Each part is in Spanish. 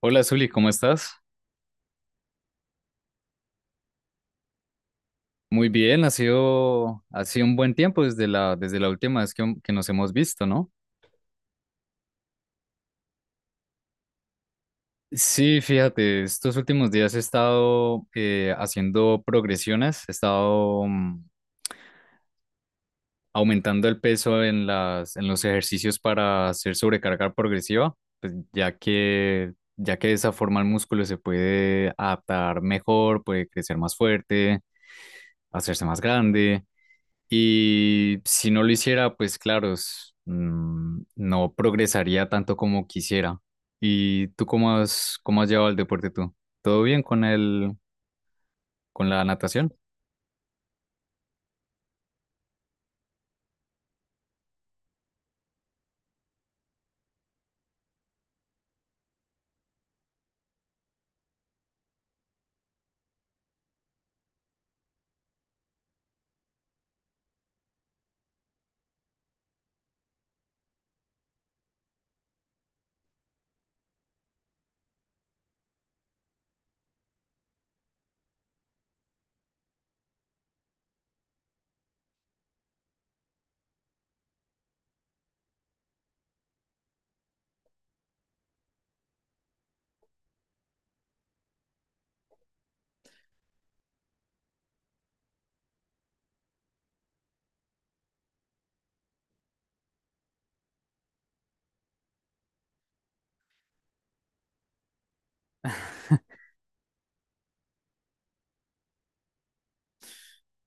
Hola Zuli, ¿cómo estás? Muy bien, ha sido un buen tiempo desde la última vez que nos hemos visto, ¿no? Sí, fíjate, estos últimos días he estado haciendo progresiones, he estado aumentando el peso en en los ejercicios para hacer sobrecarga progresiva, pues, ya que de esa forma el músculo se puede adaptar mejor, puede crecer más fuerte, hacerse más grande. Y si no lo hiciera, pues claro, no progresaría tanto como quisiera. ¿Y tú cómo has llevado el deporte tú? ¿Todo bien con la natación?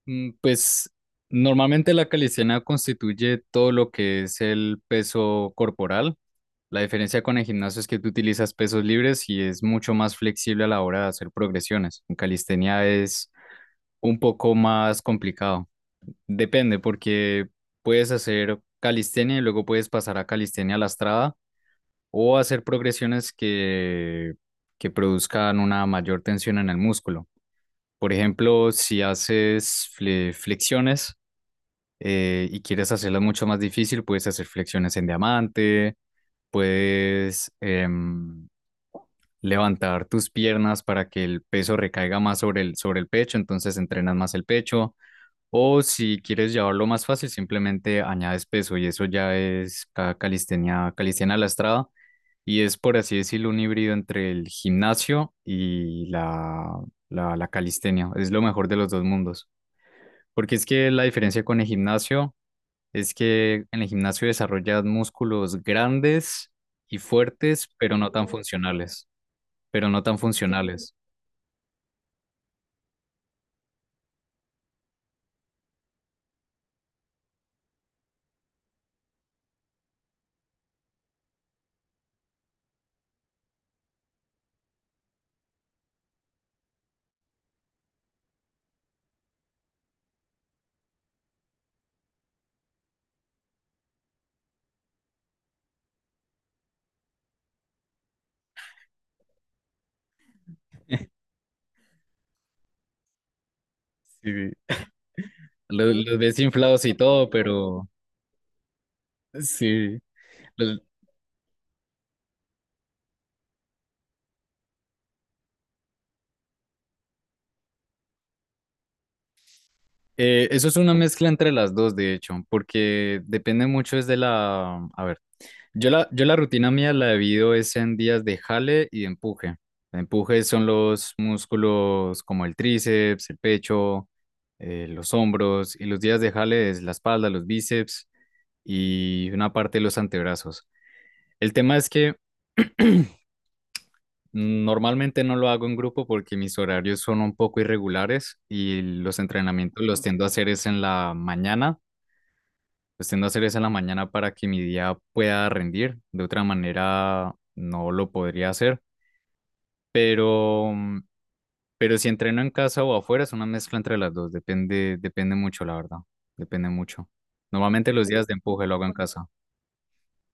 Pues normalmente la calistenia constituye todo lo que es el peso corporal. La diferencia con el gimnasio es que tú utilizas pesos libres y es mucho más flexible a la hora de hacer progresiones. En calistenia es un poco más complicado. Depende, porque puedes hacer calistenia y luego puedes pasar a calistenia lastrada o hacer progresiones que produzcan una mayor tensión en el músculo. Por ejemplo, si haces flexiones y quieres hacerlas mucho más difícil, puedes hacer flexiones en diamante, puedes em, levantar tus piernas para que el peso recaiga más sobre el pecho, entonces entrenas más el pecho, o si quieres llevarlo más fácil, simplemente añades peso y eso ya es calistenia lastrada, y es, por así decirlo, un híbrido entre el gimnasio y la calistenia. Es lo mejor de los dos mundos. Porque es que la diferencia con el gimnasio es que en el gimnasio desarrollas músculos grandes y fuertes, pero no tan funcionales. Pero no tan funcionales. Sí, los ves inflados y todo, pero sí. Los, eso es una mezcla entre las dos, de hecho, porque depende mucho es de la... A ver, yo la rutina mía la divido es en días de jale y de empuje. Empuje son los músculos como el tríceps, el pecho, los hombros, y los días de jale es la espalda, los bíceps y una parte de los antebrazos. El tema es que normalmente no lo hago en grupo porque mis horarios son un poco irregulares y los entrenamientos los tiendo a hacer es en la mañana. Pues tiendo a hacer eso en la mañana para que mi día pueda rendir. De otra manera, no lo podría hacer. Pero, pero si entreno en casa o afuera, es una mezcla entre las dos. Depende, depende mucho, la verdad. Depende mucho. Normalmente los días de empuje lo hago en casa.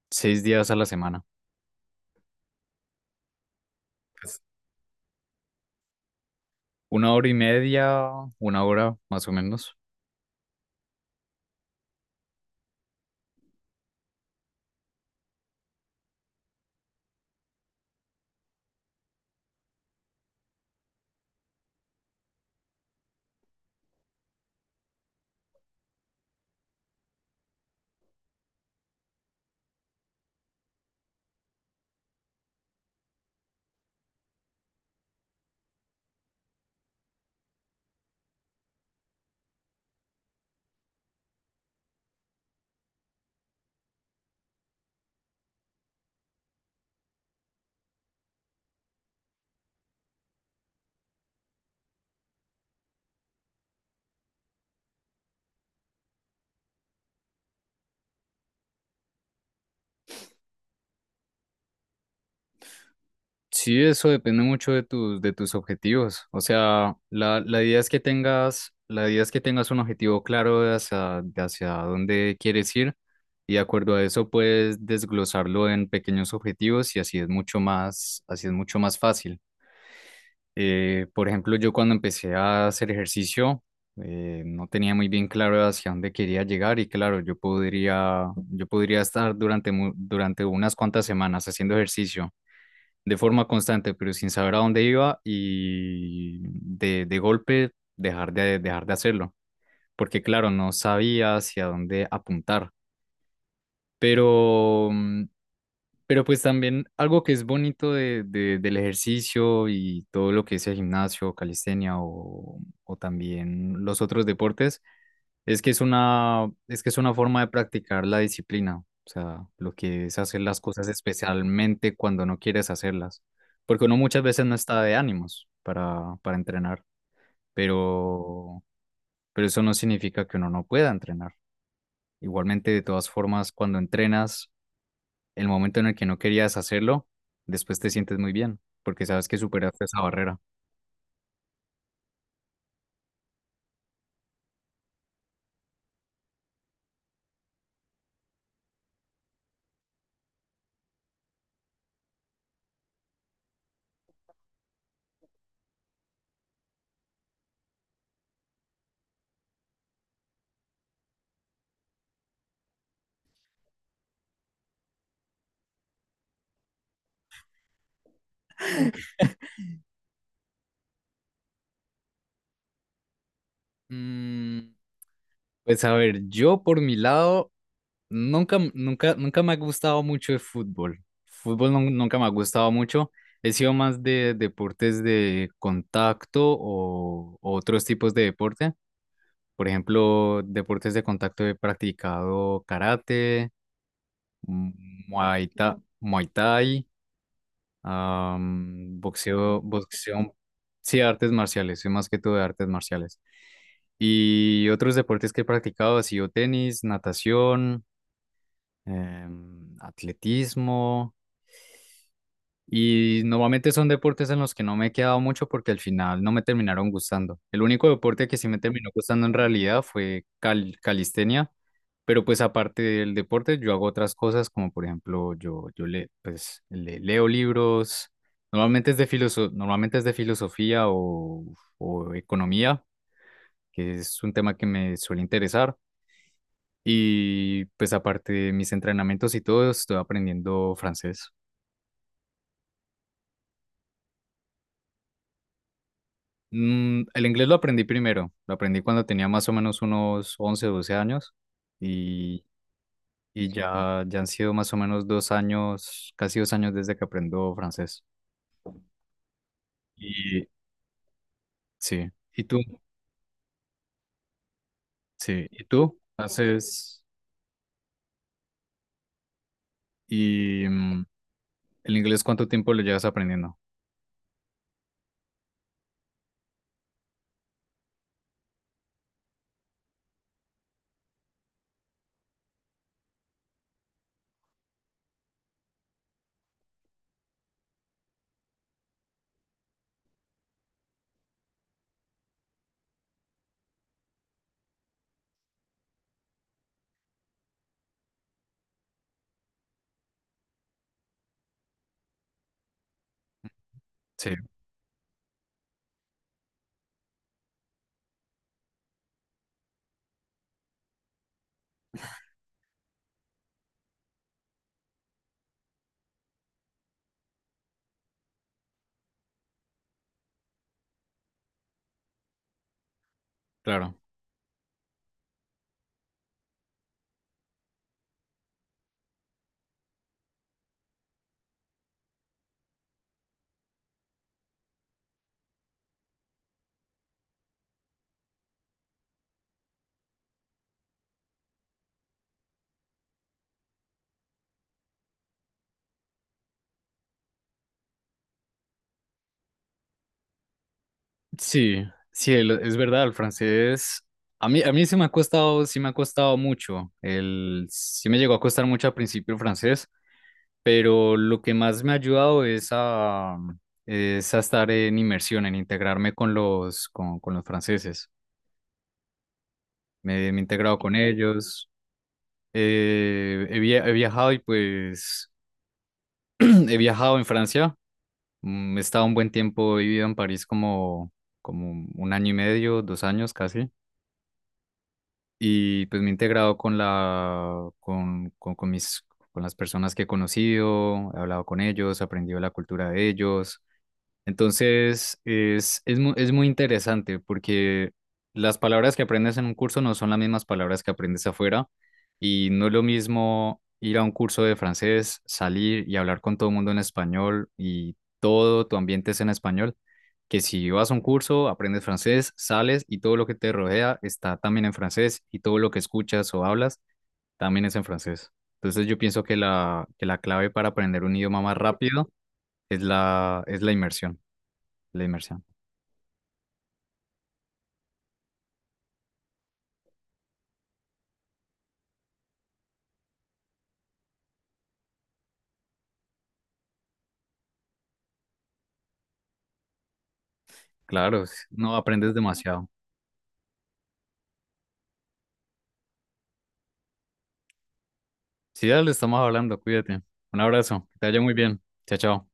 6 días a la semana. Pues, una hora y media, una hora más o menos. Sí, eso depende mucho de tus objetivos. O sea, la idea es que tengas, la idea es que tengas un objetivo claro de hacia dónde quieres ir, y de acuerdo a eso puedes desglosarlo en pequeños objetivos y así es mucho más, así es mucho más fácil. Por ejemplo, yo cuando empecé a hacer ejercicio, no tenía muy bien claro hacia dónde quería llegar, y claro, yo podría estar durante unas cuantas semanas haciendo ejercicio de forma constante, pero sin saber a dónde iba, y de golpe dejar de hacerlo, porque claro, no sabía hacia dónde apuntar, pero, pero pues también algo que es bonito del ejercicio y todo lo que es el gimnasio, calistenia o también los otros deportes, es que es que es una forma de practicar la disciplina, o sea, lo que es hacer las cosas especialmente cuando no quieres hacerlas, porque uno muchas veces no está de ánimos para entrenar, pero, pero eso no significa que uno no pueda entrenar. Igualmente, de todas formas, cuando entrenas, el momento en el que no querías hacerlo, después te sientes muy bien, porque sabes que superaste esa barrera. Mm, Pues a ver, yo por mi lado nunca, m- nunca, nunca me ha gustado mucho el fútbol. Fútbol nunca me ha gustado mucho. He sido más de deportes de contacto o otros tipos de deporte. Por ejemplo, deportes de contacto he practicado karate, mm, muay thai, boxeo, sí, artes marciales, soy más que todo de artes marciales. Y otros deportes que he practicado ha sido tenis, natación, atletismo. Y normalmente son deportes en los que no me he quedado mucho porque al final no me terminaron gustando. El único deporte que sí me terminó gustando en realidad fue calistenia, pero pues aparte del deporte yo hago otras cosas como por ejemplo pues, leo libros, normalmente es de filosofía o economía, que es un tema que me suele interesar. Y pues aparte de mis entrenamientos y todo, estoy aprendiendo francés. El inglés lo aprendí primero, lo aprendí cuando tenía más o menos unos 11 12 años, y, y ya han sido más o menos 2 años, casi 2 años desde que aprendo francés. Y sí, ¿y tú? Sí, ¿y tú? Y mm, el inglés, ¿cuánto tiempo lo llevas aprendiendo? Sí, claro. Sí, sí, es verdad, el francés. A mí sí me ha costado, sí me ha costado mucho. Sí me llegó a costar mucho al principio el francés, pero lo que más me ha ayudado es a estar en inmersión, en integrarme con con los franceses. Me he integrado con ellos, he viajado y pues he viajado en Francia, he estado un buen tiempo, he vivido en París como un año y medio, 2 años casi, y pues me he integrado con mis... con las personas que he conocido, he hablado con ellos, he aprendido la cultura de ellos. Entonces, es muy interesante porque las palabras que aprendes en un curso no son las mismas palabras que aprendes afuera, y no es lo mismo ir a un curso de francés, salir y hablar con todo el mundo en español y todo tu ambiente es en español, que si vas a un curso, aprendes francés, sales y todo lo que te rodea está también en francés y todo lo que escuchas o hablas también es en francés. Entonces, yo pienso que la clave para aprender un idioma más rápido es la inmersión, la inmersión. Claro, no aprendes demasiado. Si ya le estamos hablando, cuídate. Un abrazo, que te vaya muy bien. Chao, chao.